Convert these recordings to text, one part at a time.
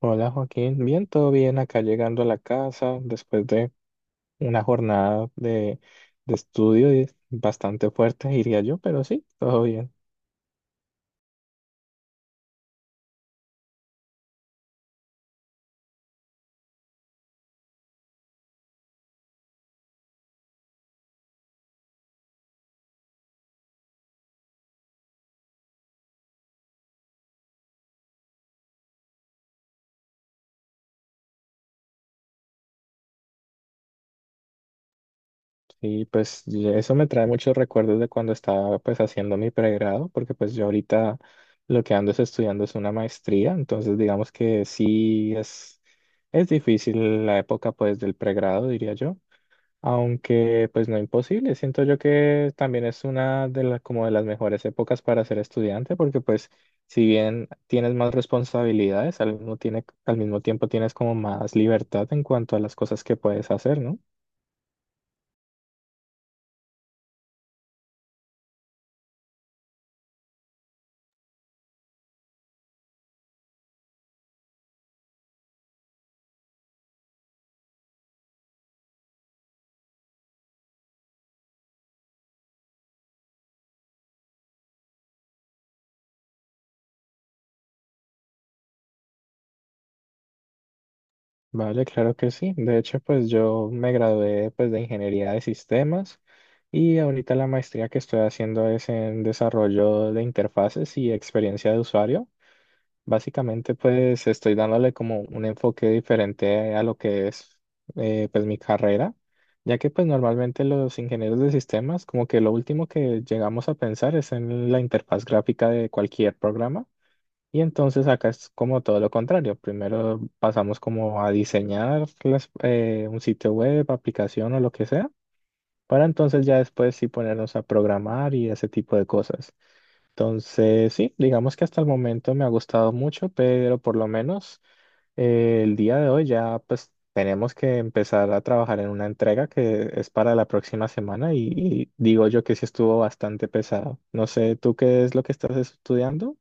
Hola Joaquín, bien, todo bien acá llegando a la casa después de una jornada de estudio y bastante fuerte, diría yo, pero sí, todo bien. Y eso me trae muchos recuerdos de cuando estaba pues haciendo mi pregrado, porque pues yo ahorita lo que ando es estudiando es una maestría, entonces digamos que es difícil la época pues del pregrado, diría yo. Aunque pues no imposible, siento yo que también es una de las como de las mejores épocas para ser estudiante, porque pues si bien tienes más responsabilidades, al mismo tiempo tienes como más libertad en cuanto a las cosas que puedes hacer, ¿no? Vale, claro que sí. De hecho, pues yo me gradué pues de ingeniería de sistemas y ahorita la maestría que estoy haciendo es en desarrollo de interfaces y experiencia de usuario. Básicamente, pues estoy dándole como un enfoque diferente a lo que es pues mi carrera, ya que pues normalmente los ingenieros de sistemas como que lo último que llegamos a pensar es en la interfaz gráfica de cualquier programa y entonces acá es como todo lo contrario. Primero pasamos como a diseñar un sitio web, aplicación o lo que sea, para entonces ya después sí ponernos a programar y ese tipo de cosas. Entonces, sí, digamos que hasta el momento me ha gustado mucho, pero por lo menos el día de hoy ya pues tenemos que empezar a trabajar en una entrega que es para la próxima semana y digo yo que sí estuvo bastante pesado. No sé, ¿tú qué es lo que estás estudiando?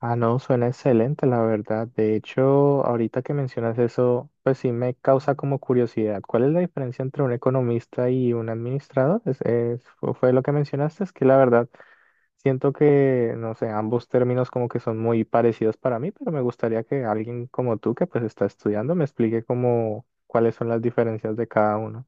Ah, no, suena excelente, la verdad. De hecho, ahorita que mencionas eso, pues sí me causa como curiosidad. ¿Cuál es la diferencia entre un economista y un administrador? Fue lo que mencionaste, es que la verdad... Siento que, no sé, ambos términos como que son muy parecidos para mí, pero me gustaría que alguien como tú que pues está estudiando me explique como cuáles son las diferencias de cada uno.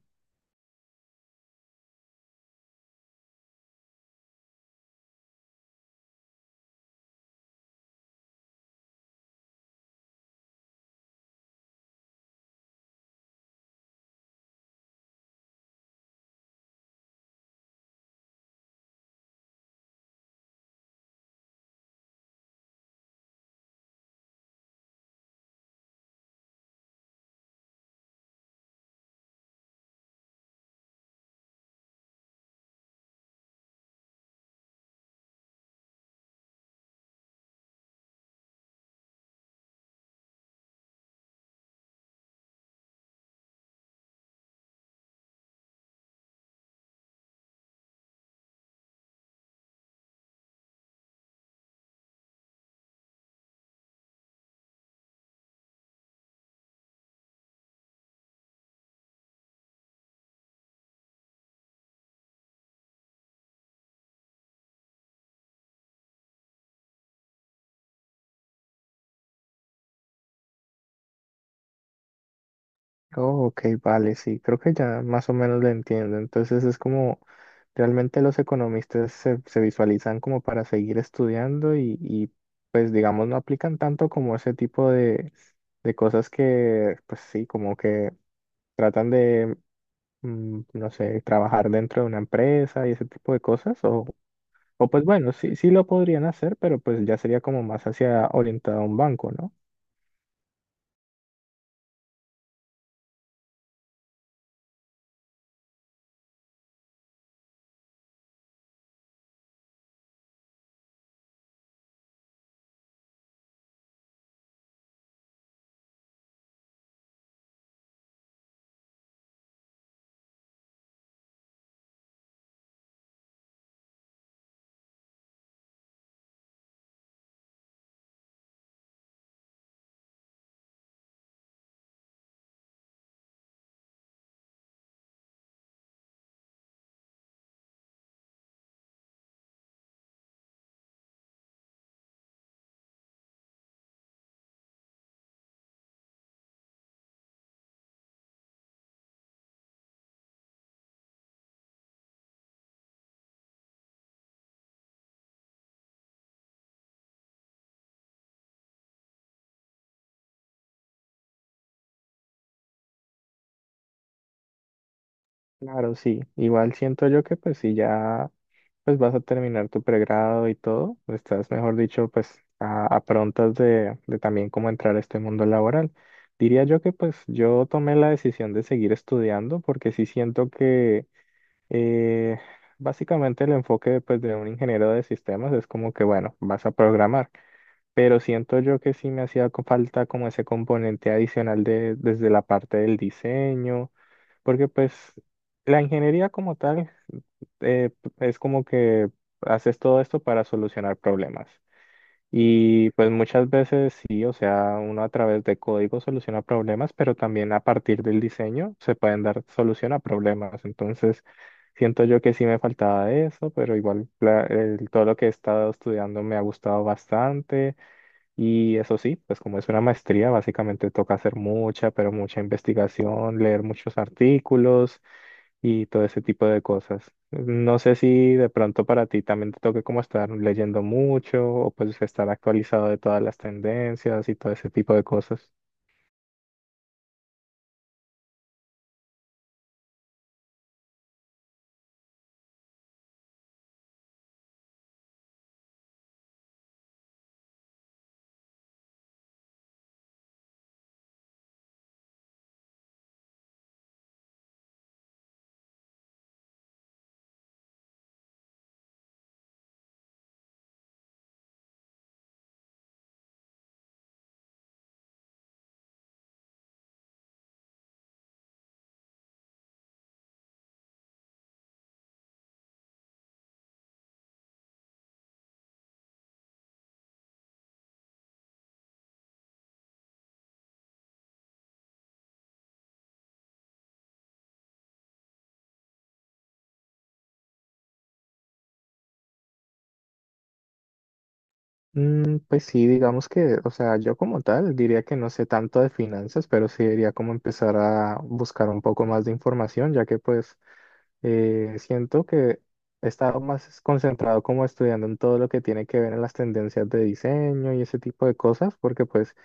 Oh, ok, vale, sí, creo que ya más o menos lo entiendo. Entonces es como realmente los economistas se visualizan como para seguir estudiando pues digamos no aplican tanto como ese tipo de cosas que pues sí, como que tratan de no sé, trabajar dentro de una empresa y ese tipo de cosas, o pues bueno, sí, sí lo podrían hacer, pero pues ya sería como más hacia orientado a un banco, ¿no? Claro, sí, igual siento yo que pues si ya pues vas a terminar tu pregrado y todo, estás, mejor dicho, pues a prontas de también cómo entrar a este mundo laboral. Diría yo que pues yo tomé la decisión de seguir estudiando porque sí siento que Eh, básicamente el enfoque pues, de un ingeniero de sistemas es como que, bueno, vas a programar, pero siento yo que sí me falta como ese componente adicional de, desde la parte del diseño, porque pues la ingeniería como tal es como que haces todo esto para solucionar problemas. Y pues muchas veces sí, o sea, uno a través de código soluciona problemas, pero también a partir del diseño se pueden dar solución a problemas. Entonces, siento yo que sí me faltaba de eso, pero igual todo lo que he estado estudiando me ha gustado bastante. Y eso sí, pues como es una maestría, básicamente toca hacer mucha, pero mucha investigación, leer muchos artículos y todo ese tipo de cosas. No sé si de pronto para ti también te toque como estar leyendo mucho o pues estar actualizado de todas las tendencias y todo ese tipo de cosas. Mm, pues sí, digamos que, o sea, yo como tal diría que no sé tanto de finanzas, pero sí diría como empezar a buscar un poco más de información, ya que pues siento que he estado más concentrado como estudiando en todo lo que tiene que ver en las tendencias de diseño y ese tipo de cosas, porque pues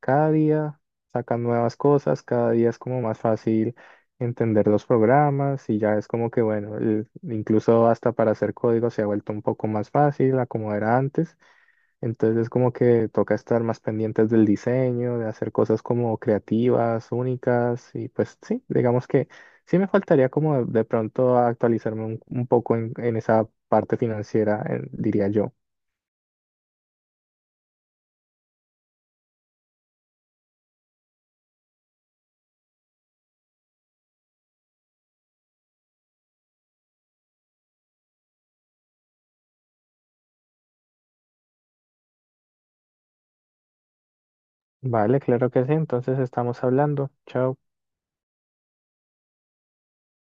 cada día sacan nuevas cosas, cada día es como más fácil entender los programas y ya es como que, bueno, incluso hasta para hacer código se ha vuelto un poco más fácil a como era antes. Entonces como que toca estar más pendientes del diseño, de hacer cosas como creativas, únicas y pues sí, digamos que sí me faltaría como de pronto actualizarme un poco en esa parte financiera, diría yo. Vale, claro que sí, entonces estamos hablando. Chao.